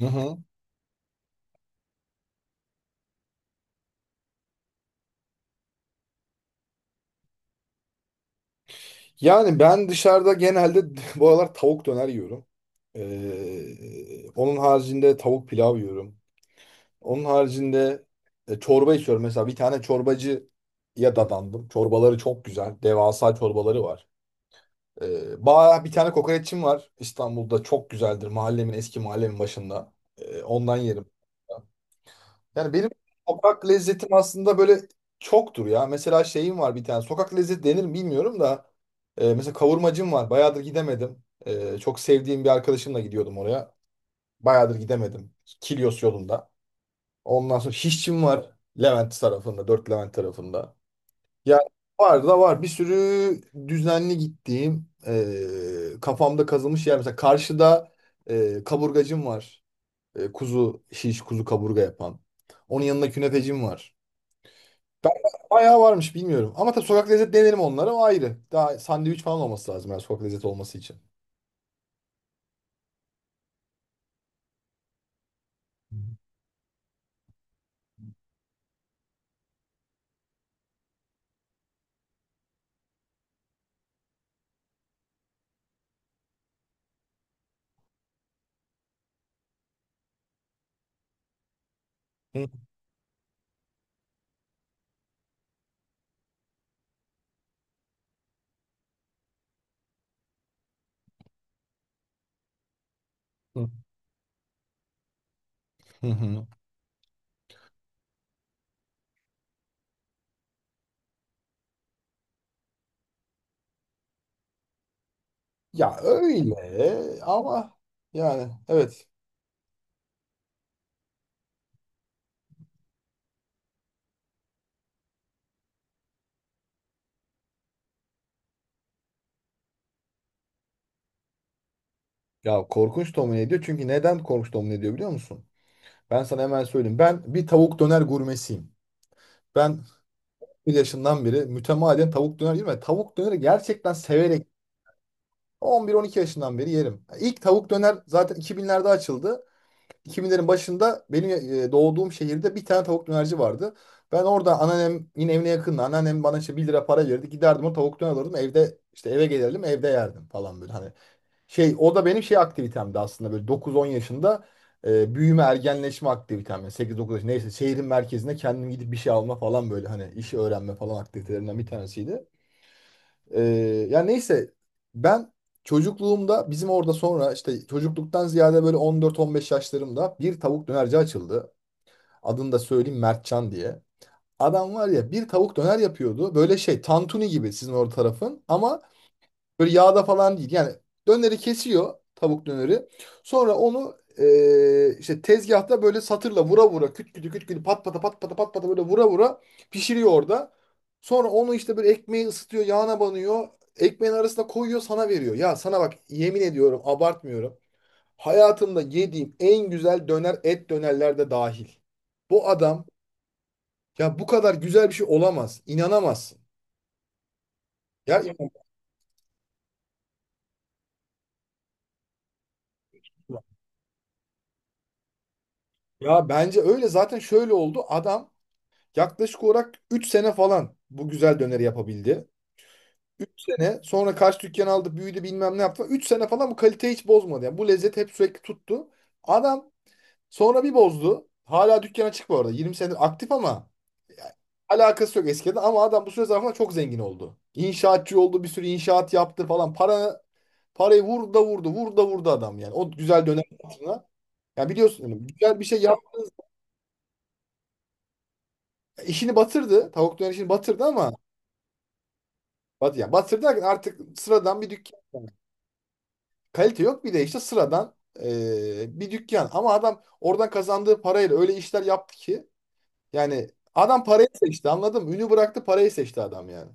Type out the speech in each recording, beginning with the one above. Hı hı. Yani ben dışarıda genelde bu aralar tavuk döner yiyorum. Onun haricinde tavuk pilav yiyorum. Onun haricinde çorba içiyorum. Mesela bir tane çorbacıya dadandım. Çorbaları çok güzel. Devasa çorbaları var. Ee, Bir tane kokoreççim var İstanbul'da. Çok güzeldir. Eski mahallemin başında. Ondan yerim. Yani benim sokak lezzetim aslında böyle çoktur ya. Mesela şeyim var bir tane. Sokak lezzeti denir mi bilmiyorum da. Mesela kavurmacım var. Bayağıdır gidemedim. Çok sevdiğim bir arkadaşımla gidiyordum oraya. Bayağıdır gidemedim. Kilyos yolunda. Ondan sonra şişçim var. Levent tarafında. Dört Levent tarafında. Yani var da var. Bir sürü düzenli gittiğim kafamda kazılmış yer. Mesela karşıda kaburgacım var. Kuzu şiş, kuzu kaburga yapan. Onun yanında künefecim var. Ben bayağı varmış bilmiyorum. Ama tabii sokak lezzet denerim onları, o ayrı. Daha sandviç falan olması lazım yani sokak lezzet olması için. Hı hı. Hı hı. Ya öyle ama yani evet. Ya korkunç domine ediyor. Çünkü neden korkunç domine ediyor biliyor musun? Ben sana hemen söyleyeyim. Ben bir tavuk döner gurmesiyim. Ben bir yaşından beri mütemadiyen tavuk döner yerim ve tavuk döneri gerçekten severek 11-12 yaşından beri yerim. İlk tavuk döner zaten 2000'lerde açıldı. 2000'lerin başında benim doğduğum şehirde bir tane tavuk dönerci vardı. Ben orada, anneannem yine evine yakındı. Anneannem bana işte 1 lira para verirdi. Giderdim, o tavuk döner alırdım. Evde işte, eve gelirdim, evde yerdim falan böyle hani. Şey, o da benim şey aktivitemdi aslında, böyle 9-10 yaşında büyüme ergenleşme aktivitem. Yani 8-9 yaş neyse, şehrin merkezine kendim gidip bir şey alma falan böyle hani, işi öğrenme falan aktivitelerinden bir tanesiydi. Ee, Ya neyse, ben çocukluğumda bizim orada, sonra işte çocukluktan ziyade böyle 14-15 yaşlarımda bir tavuk dönerci açıldı. Adını da söyleyeyim, Mertcan diye. Adam var ya, bir tavuk döner yapıyordu. Böyle şey, tantuni gibi sizin orada tarafın ama böyle yağda falan değil. Yani döneri kesiyor, tavuk döneri. Sonra onu işte tezgahta böyle satırla vura vura, küt kütü küt kütü, pat pata pat pata pat pata, böyle vura vura pişiriyor orada. Sonra onu işte böyle ekmeği ısıtıyor, yağına banıyor. Ekmeğin arasına koyuyor, sana veriyor. Ya sana bak, yemin ediyorum, abartmıyorum. Hayatımda yediğim en güzel döner, et dönerler de dahil. Bu adam, ya bu kadar güzel bir şey olamaz. İnanamazsın. Ya, ya bence öyle zaten, şöyle oldu. Adam yaklaşık olarak 3 sene falan bu güzel döneri yapabildi. 3 sene sonra kaç dükkan aldı, büyüdü, bilmem ne yaptı. Üç sene falan bu kaliteyi hiç bozmadı. Yani bu lezzet hep sürekli tuttu. Adam sonra bir bozdu. Hala dükkan açık bu arada. 20 senedir aktif ama yani alakası yok eskiden, ama adam bu süre zarfında çok zengin oldu. İnşaatçı oldu, bir sürü inşaat yaptı falan. Parayı vurdu da vurdu, vurdu da vurdu adam yani. O güzel dönem hatırına. Ya biliyorsun yani, güzel bir şey yap, işini batırdı. Tavuk döner işini batırdı ama ya batır derken artık sıradan bir dükkan yani. Kalite yok, bir de işte sıradan bir dükkan. Ama adam oradan kazandığı parayla öyle işler yaptı ki, yani adam parayı seçti, anladın mı? Ünü bıraktı, parayı seçti adam yani.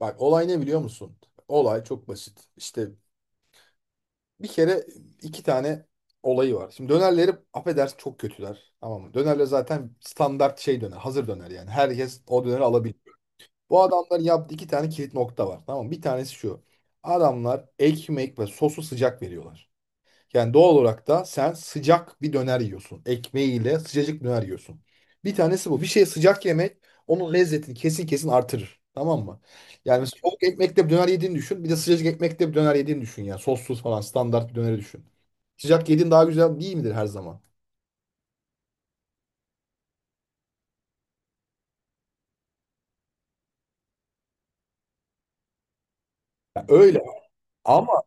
Bak olay ne biliyor musun? Olay çok basit. İşte bir kere iki tane olayı var. Şimdi dönerleri, affedersin, çok kötüler. Tamam mı? Dönerler zaten standart şey, döner. Hazır döner yani. Herkes o döneri alabilir. Bu adamların yaptığı iki tane kilit nokta var. Tamam mı? Bir tanesi şu. Adamlar ekmek ve sosu sıcak veriyorlar. Yani doğal olarak da sen sıcak bir döner yiyorsun. Ekmeğiyle sıcacık bir döner yiyorsun. Bir tanesi bu. Bir şey sıcak yemek onun lezzetini kesin kesin artırır. Tamam mı? Yani mesela soğuk ekmekte bir döner yediğini düşün. Bir de sıcacık ekmekte bir döner yediğini düşün. Yani sossuz falan standart bir döneri düşün. Sıcak yediğin daha güzel değil midir her zaman? Ya öyle. Ama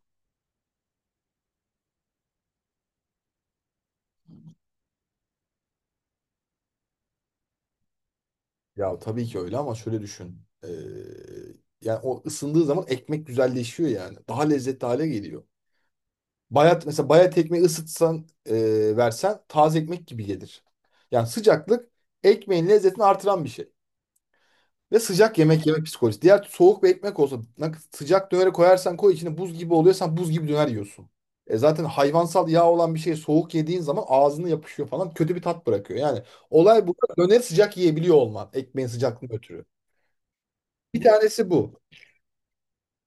Ya tabii ki öyle ama şöyle düşün. Yani o ısındığı zaman ekmek güzelleşiyor yani. Daha lezzetli hale geliyor. Bayat mesela, bayat ekmeği ısıtsan versen taze ekmek gibi gelir. Yani sıcaklık ekmeğin lezzetini artıran bir şey. Ve sıcak yemek yemek psikolojisi. Diğer soğuk bir ekmek olsa, sıcak döneri koyarsan koy içine, buz gibi oluyor. Sen buz gibi döner yiyorsun. Zaten hayvansal yağ olan bir şey soğuk yediğin zaman ağzını yapışıyor falan, kötü bir tat bırakıyor. Yani olay, bu döneri sıcak yiyebiliyor olman ekmeğin sıcaklığını ötürü. Bir tanesi bu.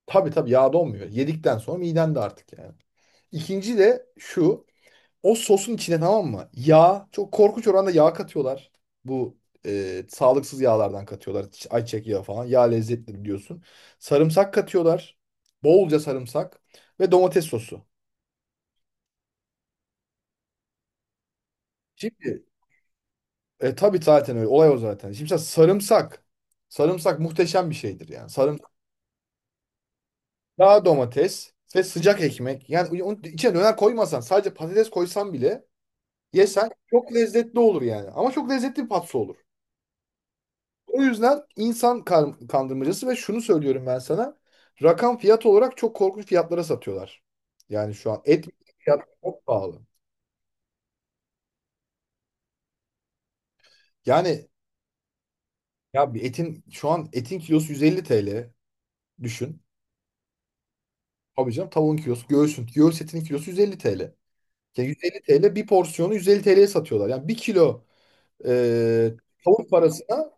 Tabii tabii, yağda olmuyor. Yedikten sonra miden de artık yani. İkinci de şu. O sosun içine, tamam mı? Yağ. Çok korkunç oranda yağ katıyorlar. Bu sağlıksız yağlardan katıyorlar. Ayçiçek yağı falan. Yağ lezzetli biliyorsun. Sarımsak katıyorlar. Bolca sarımsak. Ve domates sosu. Şimdi tabii zaten öyle. Olay o zaten. Şimdi sen, sarımsak. Sarımsak muhteşem bir şeydir yani. Sarımsak. Daha domates ve sıcak ekmek. Yani onun içine döner koymasan, sadece patates koysan bile yesen çok lezzetli olur yani. Ama çok lezzetli bir patso olur. O yüzden insan kandırmacası, ve şunu söylüyorum ben sana. Rakam, fiyat olarak çok korkunç fiyatlara satıyorlar. Yani şu an et fiyat çok pahalı. Yani ya bir etin, şu an etin kilosu 150 TL düşün. Tabii canım, tavuğun kilosu, göğsün, göğüs etinin kilosu 150 TL. Yani 150 TL, bir porsiyonu 150 TL'ye satıyorlar. Yani bir kilo e, tavuk parasına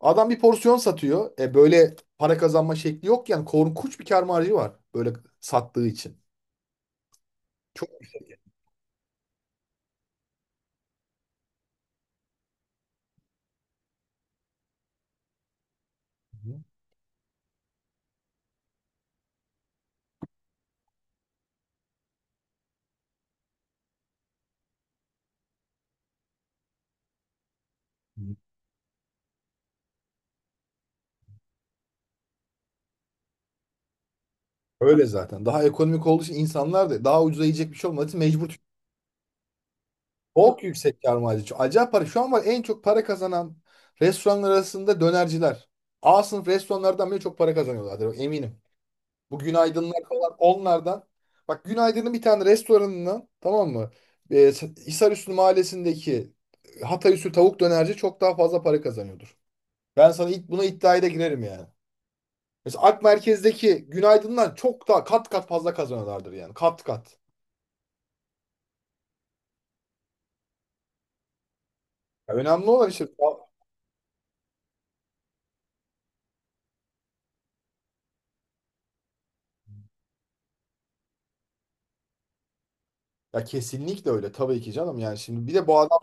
adam bir porsiyon satıyor. Böyle para kazanma şekli yok yani, korkunç bir kâr marjı var böyle sattığı için. Çok öyle zaten. Daha ekonomik olduğu için, insanlar da daha ucuza yiyecek bir şey olmadığı için mecbur. Çok yüksek kâr marjı. Acayip para. Şu an var en çok para kazanan restoranlar arasında dönerciler. A sınıf restoranlardan bile çok para kazanıyorlardır, eminim. Bu günaydınlar falan onlardan. Bak, günaydının bir tane restoranından, tamam mı? Ee, Hisarüstü mahallesindeki Hatay tavuk dönerci çok daha fazla para kazanıyordur. Ben sana ilk buna iddiaya da girerim yani. Mesela Ak Merkez'deki günaydınlar çok daha kat kat fazla kazanıyorlardır yani. Kat kat. Ya önemli olan işte, ya kesinlikle öyle tabii ki canım, yani şimdi bir de bu adam,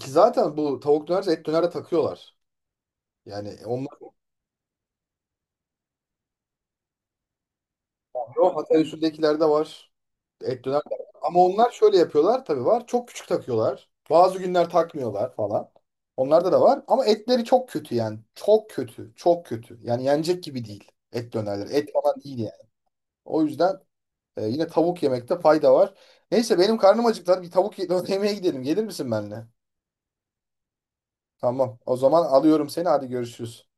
ki zaten bu tavuk dönerci et döner takıyorlar. Yani onlar. O Hatay usuldekilerde var. Et döner de var. Ama onlar şöyle yapıyorlar, tabii var. Çok küçük takıyorlar. Bazı günler takmıyorlar falan. Onlarda da var. Ama etleri çok kötü yani. Çok kötü. Çok kötü. Yani yenecek gibi değil. Et dönerleri. Et falan değil yani. O yüzden yine tavuk yemekte fayda var. Neyse benim karnım acıktı. Hadi bir tavuk yemeğe gidelim. Gelir misin benimle? Tamam. O zaman alıyorum seni. Hadi görüşürüz.